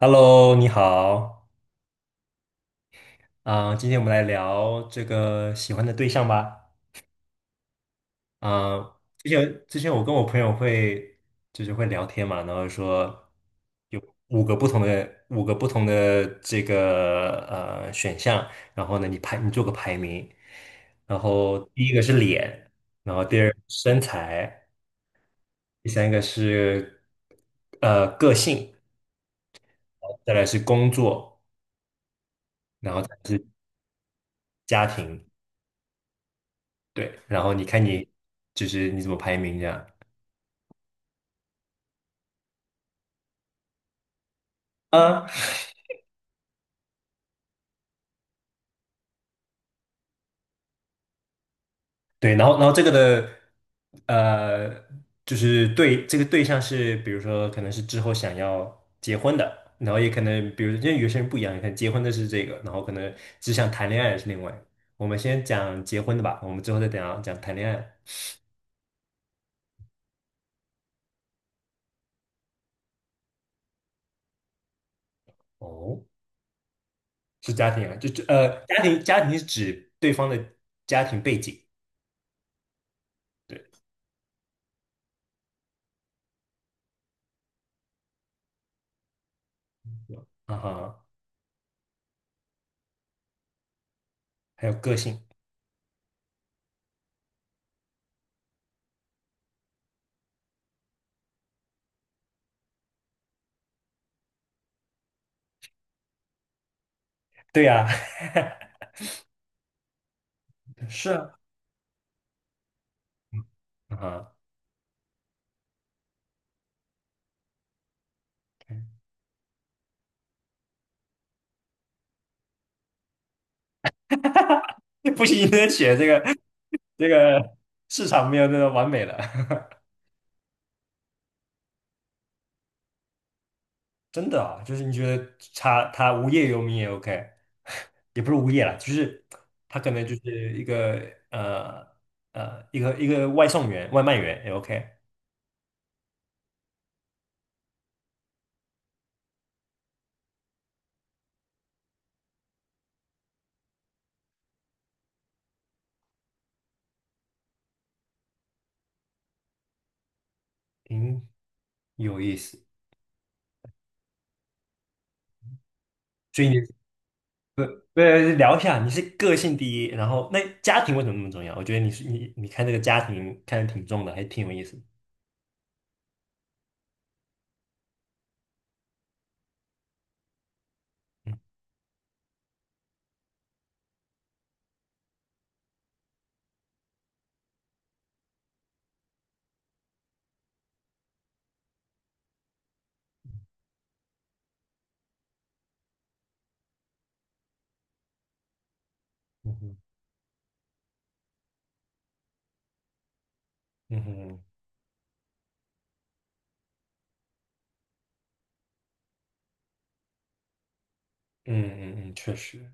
Hello，你好，啊、今天我们来聊这个喜欢的对象吧。啊、之前我跟我朋友就是会聊天嘛，然后说有五个不同的这个选项，然后呢你做个排名，然后第一个是脸，然后第二个是身材，第三个是个性，再来是工作，然后再来是家庭。对，然后你看你就是你怎么排名这样啊？对，然后这个的呃，就是对这个对象是，比如说可能是之后想要结婚的，然后也可能比如因为有些人不一样，可能结婚的是这个，然后可能只想谈恋爱的是另外。我们先讲结婚的吧，我们之后再讲讲谈恋爱。哦，是家庭啊，就家庭是指对方的家庭背景，对，啊哈，还有个性，对呀、是啊，啊哈。哈哈，不行，你得写这个市场没有那个完美的，真的啊，就是你觉得他无业游民也 OK，也不是无业啦，就是他可能就是一个呃一个外送员、外卖员也 OK，嗯，有意思。所以你不不聊一下，你是个性第一，然后那家庭为什么那么重要？我觉得你是你你看这个家庭看的挺重的，还挺有意思。嗯哼，嗯哼，嗯嗯嗯，确实。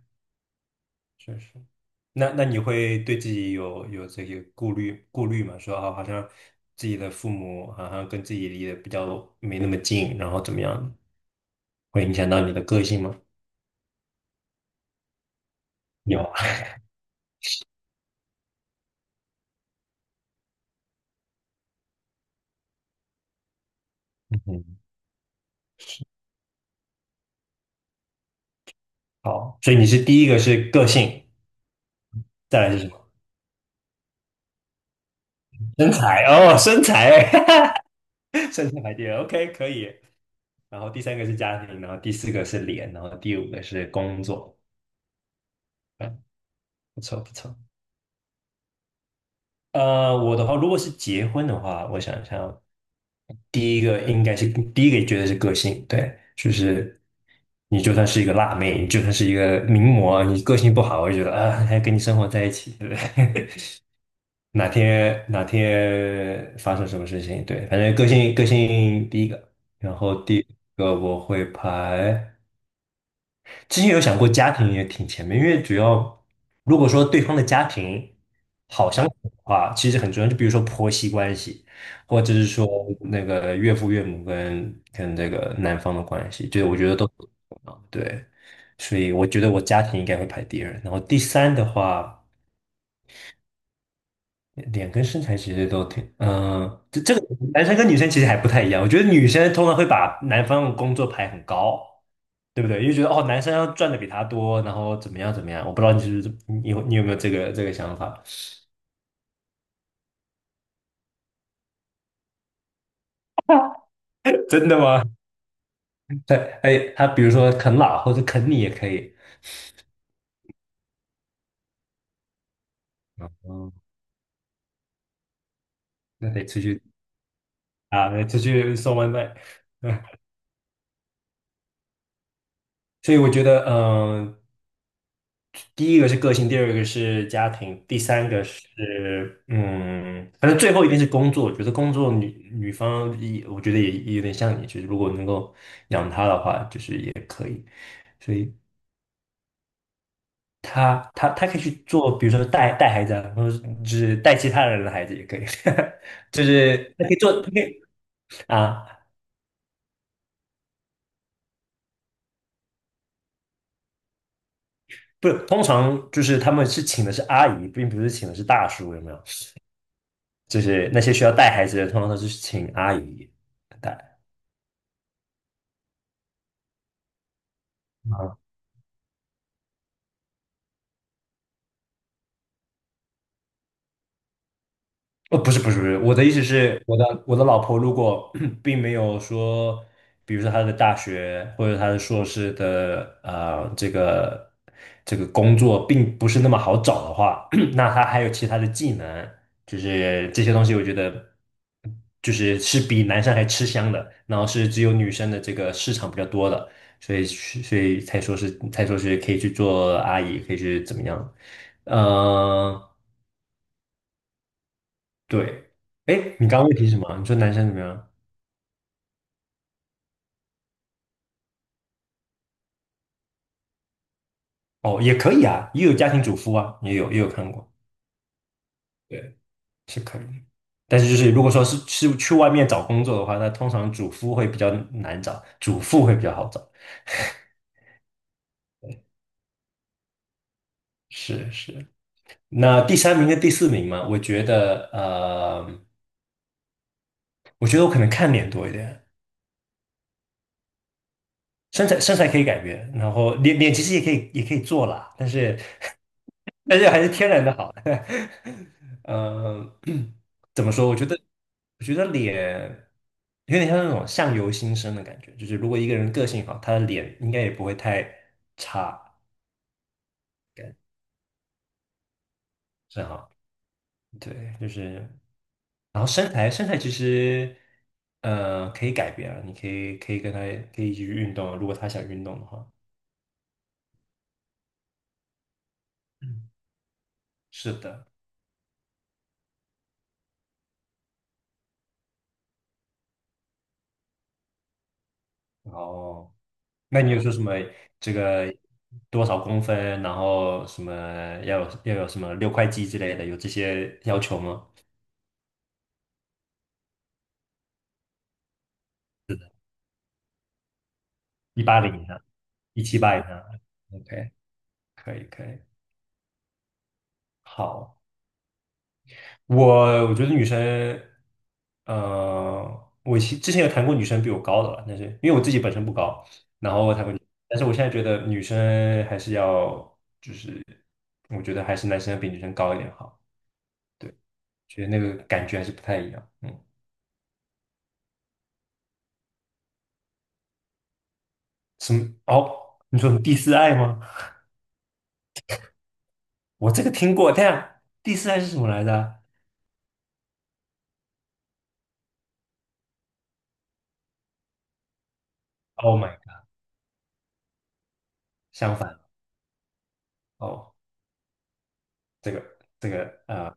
确实。那你会对自己有这些顾虑吗？说啊，好像自己的父母好像跟自己离得比较没那么近，然后怎么样，会影响到你的个性吗？有啊，嗯，好，所以你是第一个是个性，再来是什么？身材哦，身材，身材排第二，OK，可以。然后第三个是家庭，然后第四个是脸，然后第五个是工作，嗯，不错不错。我的话，如果是结婚的话，我想一下。第一个觉得是个性，对，就是你就算是一个辣妹，你就算是一个名模，你个性不好，我就觉得啊，还跟你生活在一起，对不对？哪天哪天发生什么事情，对，反正个性第一个，然后第二个我会排。之前有想过家庭也挺前面，因为主要如果说对方的家庭好相处的话，其实很重要。就比如说婆媳关系，或者是说那个岳父岳母跟这个男方的关系，对，我觉得都很重要。对，所以我觉得我家庭应该会排第二，然后第三的话，脸跟身材其实都挺，这个男生跟女生其实还不太一样。我觉得女生通常会把男方的工作排很高，对不对？因为觉得哦，男生要赚的比他多，然后怎么样怎么样，我不知道你是不是你有你有没有这个想法？真的吗？对，哎，他比如说啃老或者啃你也可以，嗯，那得出去啊，得出去送外卖。嗯，所以我觉得，第一个是个性，第二个是家庭，第三个是反正最后一定是工作。我觉得工作女方也，我觉得也有点像你，就是如果能够养她的话，就是也可以。所以。他可以去做，比如说带带孩子啊，或者是就是带其他人的孩子也可以，就是他可以做，他可以啊，不，通常就是他们是请的是阿姨，并不是请的是大叔，有没有？就是那些需要带孩子的，通常都是请阿姨带。啊。哦，不是不是不是，我的意思是，我的老婆如果 并没有说，比如说她的大学或者她的硕士的这个工作并不是那么好找的话，那她还有其他的技能，就是这些东西，我觉得就是比男生还吃香的，然后是只有女生的这个市场比较多的，所以才说是可以去做阿姨，可以去怎么样，嗯、对，哎，你刚刚问题是什么啊？你说男生怎么样？哦，也可以啊，也有家庭主妇啊，也有看过，对，是可以的但是就是如果说是去外面找工作的话，那通常主夫会比较难找，主妇会比较好找。是是。那第三名跟第四名嘛，我觉得我觉得我可能看脸多一点。身材可以改变，然后脸其实也可以做啦，但是 但是还是天然的好。呃，怎么说？我觉得脸有点像那种相由心生的感觉，就是如果一个人个性好，他的脸应该也不会太差，感是哈。对，就是然后身材其实可以改变啊，你可以跟他一起去运动啊，如果他想运动的话。嗯，是的，然后。那你有说什么这个多少公分，然后什么要有什么六块肌之类的，有这些要求吗？180以上，178以上，OK，可以可以，好，我觉得女生，我之前有谈过女生比我高的了，但是因为我自己本身不高，然后我谈过女，但是我现在觉得女生还是要，就是我觉得还是男生比女生高一点好，对，觉得那个感觉还是不太一样，嗯。什么？哦，你说什么第四爱吗？我这个听过，但第四爱是什么来着 o h my，god，相反哦，这个啊，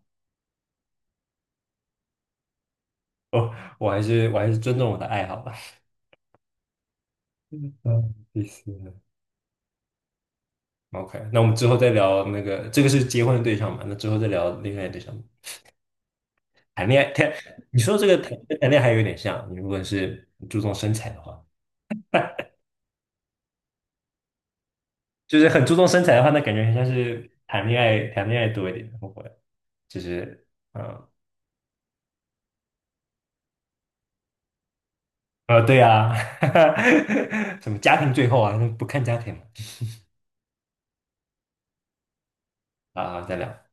哦，我还是尊重我的爱好吧。嗯，第四爱，OK，那我们之后再聊那个，这个是结婚的对象嘛？那之后再聊另外的对象。谈恋爱，谈，你说这个谈谈恋爱还有点像，你如果是注重身材的话，就是很注重身材的话，那感觉很像是谈恋爱，谈恋爱多一点，会不会？就是嗯。对呀、啊，什么家庭最后啊，不看家庭嘛啊，再聊。